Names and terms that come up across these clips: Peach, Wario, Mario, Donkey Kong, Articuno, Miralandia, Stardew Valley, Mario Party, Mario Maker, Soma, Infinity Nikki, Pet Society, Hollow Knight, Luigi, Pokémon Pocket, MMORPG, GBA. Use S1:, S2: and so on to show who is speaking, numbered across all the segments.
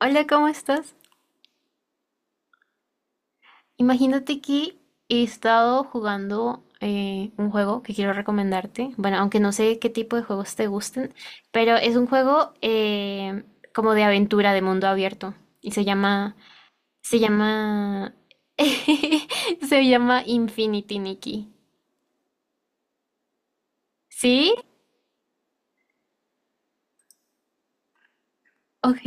S1: Hola, ¿cómo estás? Imagínate que he estado jugando un juego que quiero recomendarte. Bueno, aunque no sé qué tipo de juegos te gusten, pero es un juego como de aventura, de mundo abierto. Y se llama, se llama, se llama Infinity Nikki. ¿Sí? Ok.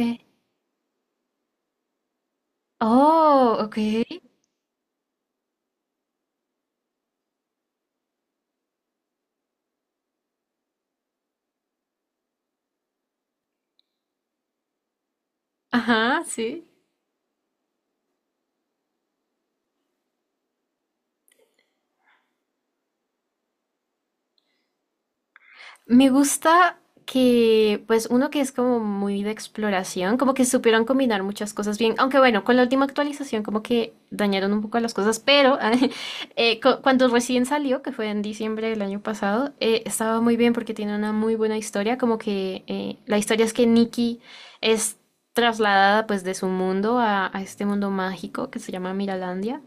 S1: Oh, ok. Ajá, sí. Me gusta que, pues uno que es como muy de exploración, como que supieron combinar muchas cosas bien, aunque bueno, con la última actualización como que dañaron un poco las cosas, pero cuando recién salió, que fue en diciembre del año pasado, estaba muy bien porque tiene una muy buena historia, como que la historia es que Nikki es trasladada pues de su mundo a este mundo mágico que se llama Miralandia,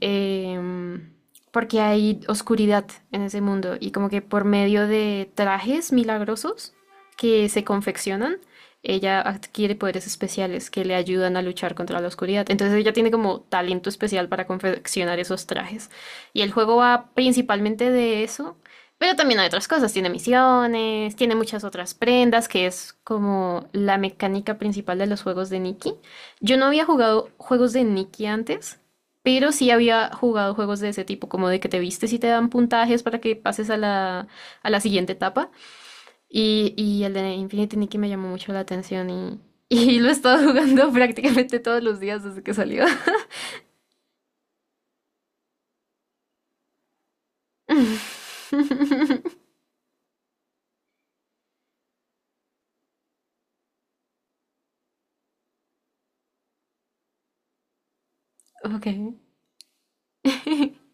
S1: em, porque hay oscuridad en ese mundo y como que por medio de trajes milagrosos que se confeccionan, ella adquiere poderes especiales que le ayudan a luchar contra la oscuridad. Entonces ella tiene como talento especial para confeccionar esos trajes. Y el juego va principalmente de eso, pero también hay otras cosas. Tiene misiones, tiene muchas otras prendas, que es como la mecánica principal de los juegos de Nikki. Yo no había jugado juegos de Nikki antes. Pero sí había jugado juegos de ese tipo, como de que te vistes y te dan puntajes para que pases a a la siguiente etapa. Y el de Infinity Nikki me llamó mucho la atención y, y lo he estado jugando prácticamente todos los días desde que salió. Ok.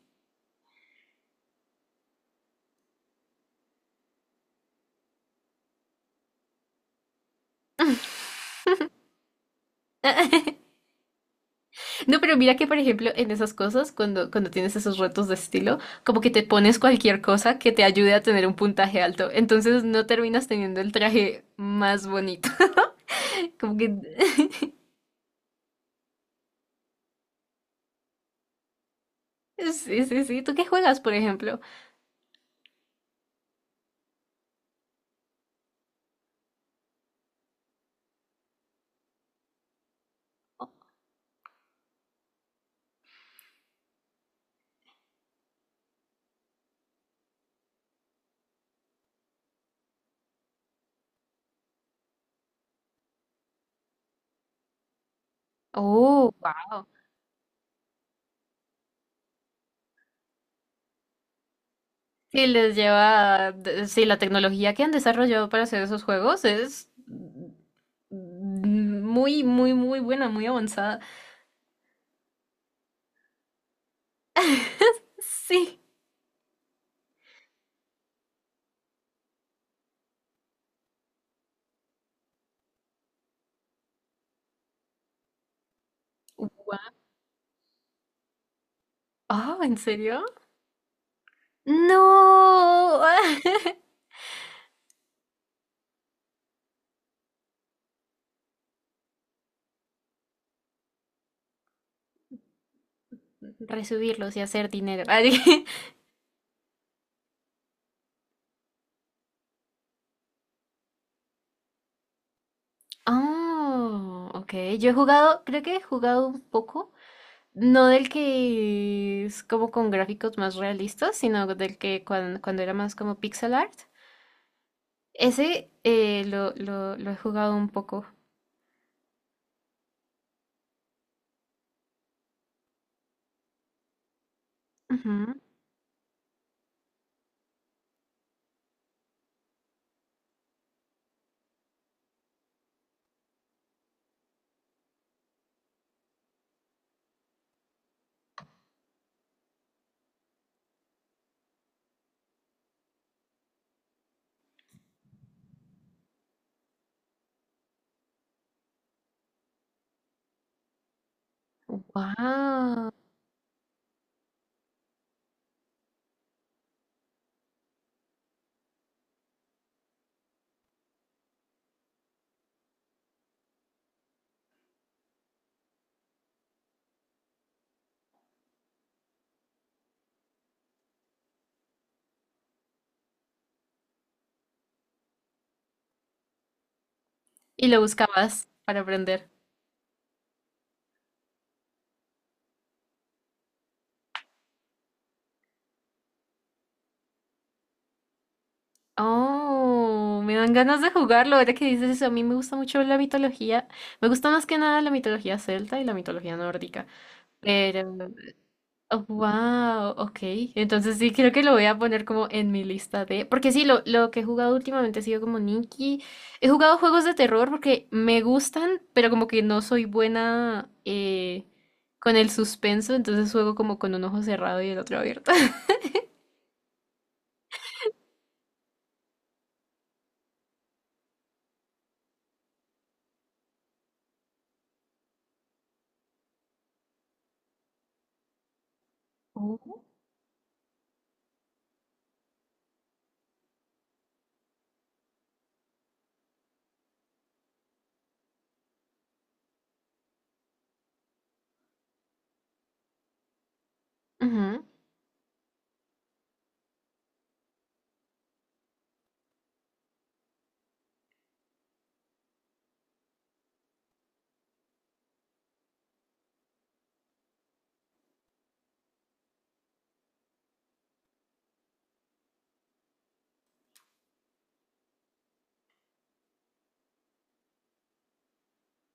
S1: No, pero mira que, por ejemplo, en esas cosas, cuando tienes esos retos de estilo, como que te pones cualquier cosa que te ayude a tener un puntaje alto. Entonces no terminas teniendo el traje más bonito. Como que sí, sí, sí. ¿Tú qué juegas, por ejemplo? Oh, wow. Sí, les lleva, de- sí, la tecnología que han desarrollado para hacer esos juegos es muy, muy, muy buena, muy avanzada. Sí. Wow. Oh, ¿en serio? No. Resubirlos y hacer dinero. Ah, dije- oh, ok. Yo he jugado, creo que he jugado un poco. No del que es como con gráficos más realistas, sino del que cuando, era más como pixel art. Ese lo he jugado un poco. Wow. Y lo buscabas para aprender. Oh, me dan ganas de jugarlo. Ahora que dices eso, a mí me gusta mucho la mitología. Me gusta más que nada la mitología celta y la mitología nórdica. Pero, wow, ok. Entonces sí, creo que lo voy a poner como en mi lista de... Porque sí, lo que he jugado últimamente ha sido como Nikki. He jugado juegos de terror porque me gustan, pero como que no soy buena con el suspenso, entonces juego como con un ojo cerrado y el otro abierto. Oh, ujú.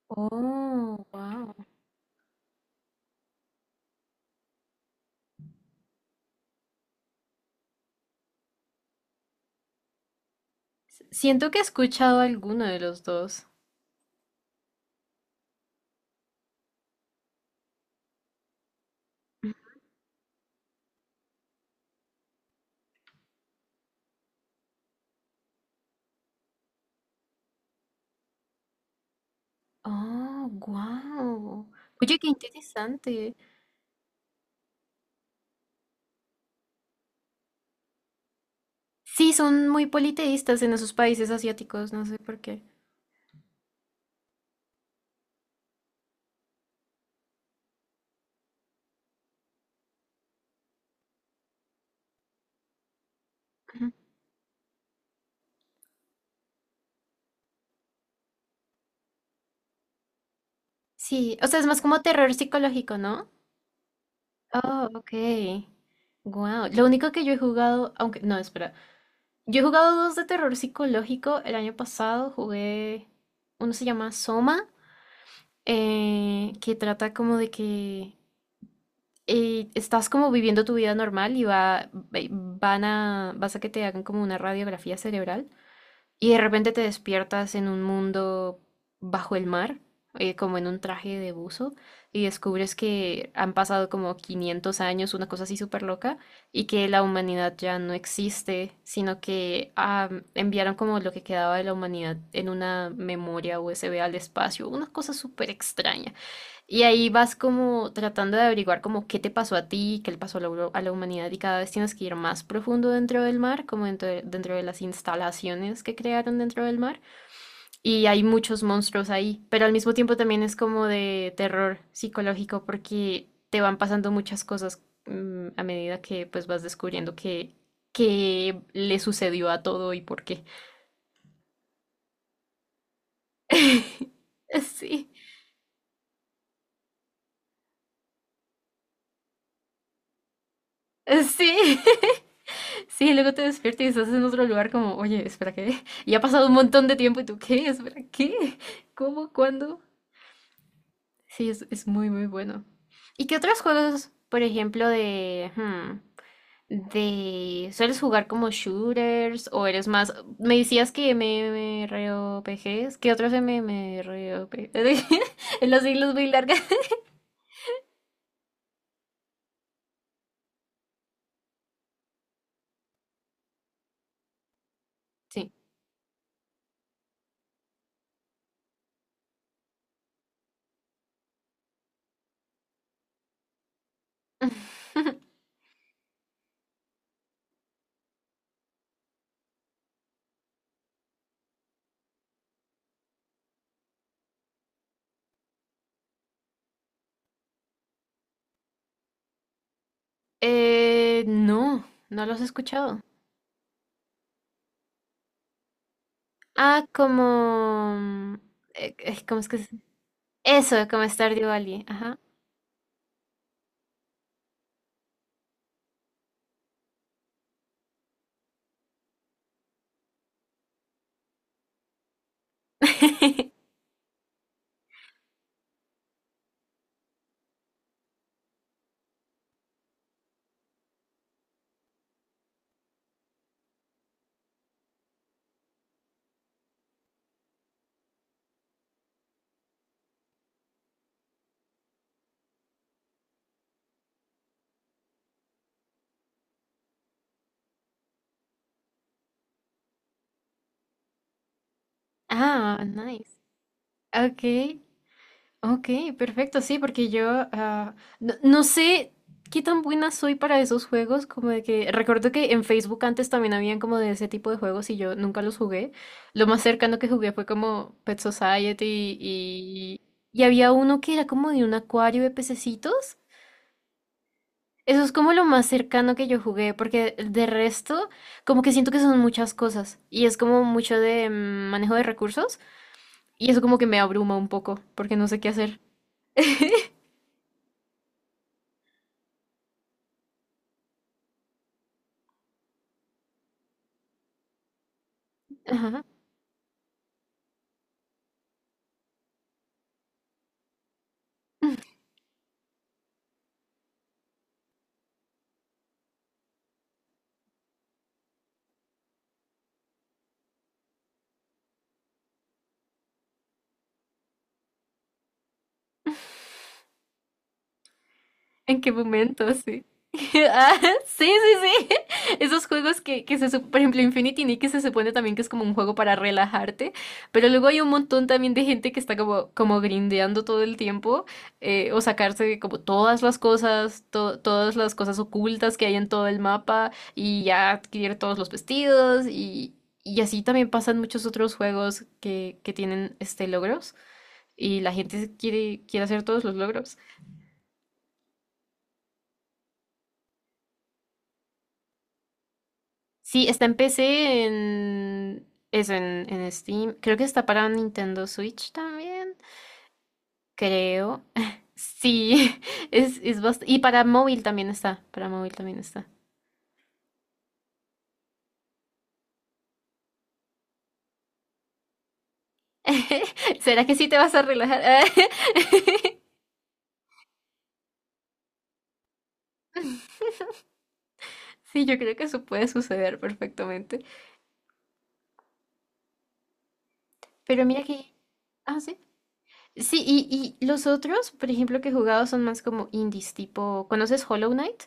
S1: Oh, wow. Siento que he escuchado alguno de los dos. Oh, wow. Oye, qué interesante. Sí, son muy politeístas en esos países asiáticos, no sé por qué. Ujú. Sí, o sea, es más como terror psicológico, ¿no? Oh, ok. Wow. Lo único que yo he jugado, aunque no, espera. Yo he jugado dos de terror psicológico. El año pasado jugué, uno se llama Soma, que trata como de que estás como viviendo tu vida normal y vas a que te hagan como una radiografía cerebral. Y de repente te despiertas en un mundo bajo el mar, como en un traje de buzo, y descubres que han pasado como 500 años, una cosa así súper loca, y que la humanidad ya no existe, sino que ah, enviaron como lo que quedaba de la humanidad en una memoria USB al espacio, una cosa súper extraña. Y ahí vas como tratando de averiguar como qué te pasó a ti, qué le pasó a a la humanidad y cada vez tienes que ir más profundo dentro del mar, como dentro de las instalaciones que crearon dentro del mar. Y hay muchos monstruos ahí, pero al mismo tiempo también es como de terror psicológico porque te van pasando muchas cosas a medida que pues vas descubriendo qué le sucedió a todo y por qué. Sí, sí. Sí, luego te despiertas y estás en otro lugar como, oye, espera, ¿qué? Y ha pasado un montón de tiempo y tú, ¿qué? Espera, ¿qué? ¿Cómo? ¿Cuándo? Sí, es muy, muy bueno. ¿Y qué otros juegos, por ejemplo, de... hmm, de... ¿Sueles jugar como shooters o eres más... Me decías que MMORPGs. ¿Qué otros MMORPGs? En las siglas muy largas. Sí. No, no los he escuchado. Ah, como... ¿Cómo es que se... Eso, como Stardew Valley. Ajá. Ah, nice. Ok, ok, perfecto, sí, porque yo ah, no, no sé qué tan buena soy para esos juegos, como de que recuerdo que en Facebook antes también habían como de ese tipo de juegos y yo nunca los jugué. Lo más cercano que jugué fue como Pet Society y había uno que era como de un acuario de pececitos. Eso es como lo más cercano que yo jugué, porque de resto, como que siento que son muchas cosas y es como mucho de manejo de recursos y eso como que me abruma un poco porque no sé qué hacer. Ajá. ¿En qué momento? Sí. Ah, sí, sí, sí. Esos juegos que se sup- por ejemplo, Infinity Nick, que se supone también que es como un juego para relajarte, pero luego hay un montón también de gente que está como grindeando todo el tiempo, o sacarse como todas las cosas, todas las cosas ocultas que hay en todo el mapa, y ya adquirir todos los vestidos, y así también pasan muchos otros juegos que tienen este logros, y la gente quiere hacer todos los logros. Sí, está en PC, en eso, en Steam. Creo que está para Nintendo Switch también. Creo. Sí, es bast- y para móvil también está. Para móvil también está. ¿Será que sí te vas a relajar? Sí, yo creo que eso puede suceder perfectamente. Pero mira que. Ah, sí. Sí, y los otros, por ejemplo, que he jugado son más como indies, tipo. ¿Conoces Hollow Knight?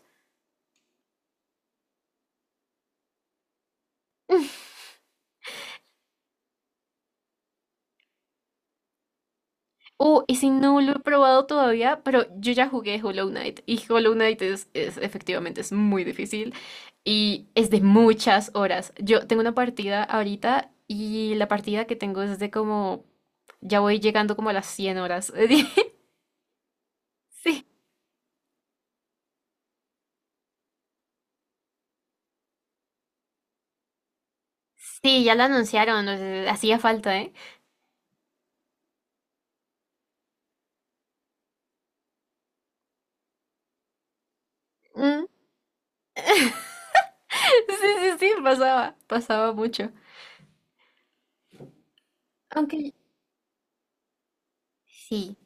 S1: Oh, ese no lo he probado todavía, pero yo ya jugué Hollow Knight y Hollow Knight es- efectivamente es muy difícil y es de muchas horas. Yo tengo una partida ahorita y la partida que tengo es de como ya voy llegando como a las 100 horas. Sí, sí, ya la anunciaron, o sea, hacía falta, ¿eh? Mm. Sí, sí, sí, pasaba, pasaba mucho. Aunque sí.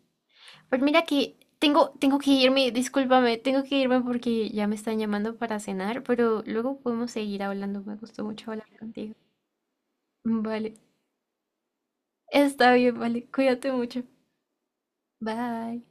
S1: Pues mira que tengo, tengo que irme, discúlpame, tengo que irme porque ya me están llamando para cenar, pero luego podemos seguir hablando. Me gustó mucho hablar contigo. Vale, está bien, vale, cuídate mucho. Bye.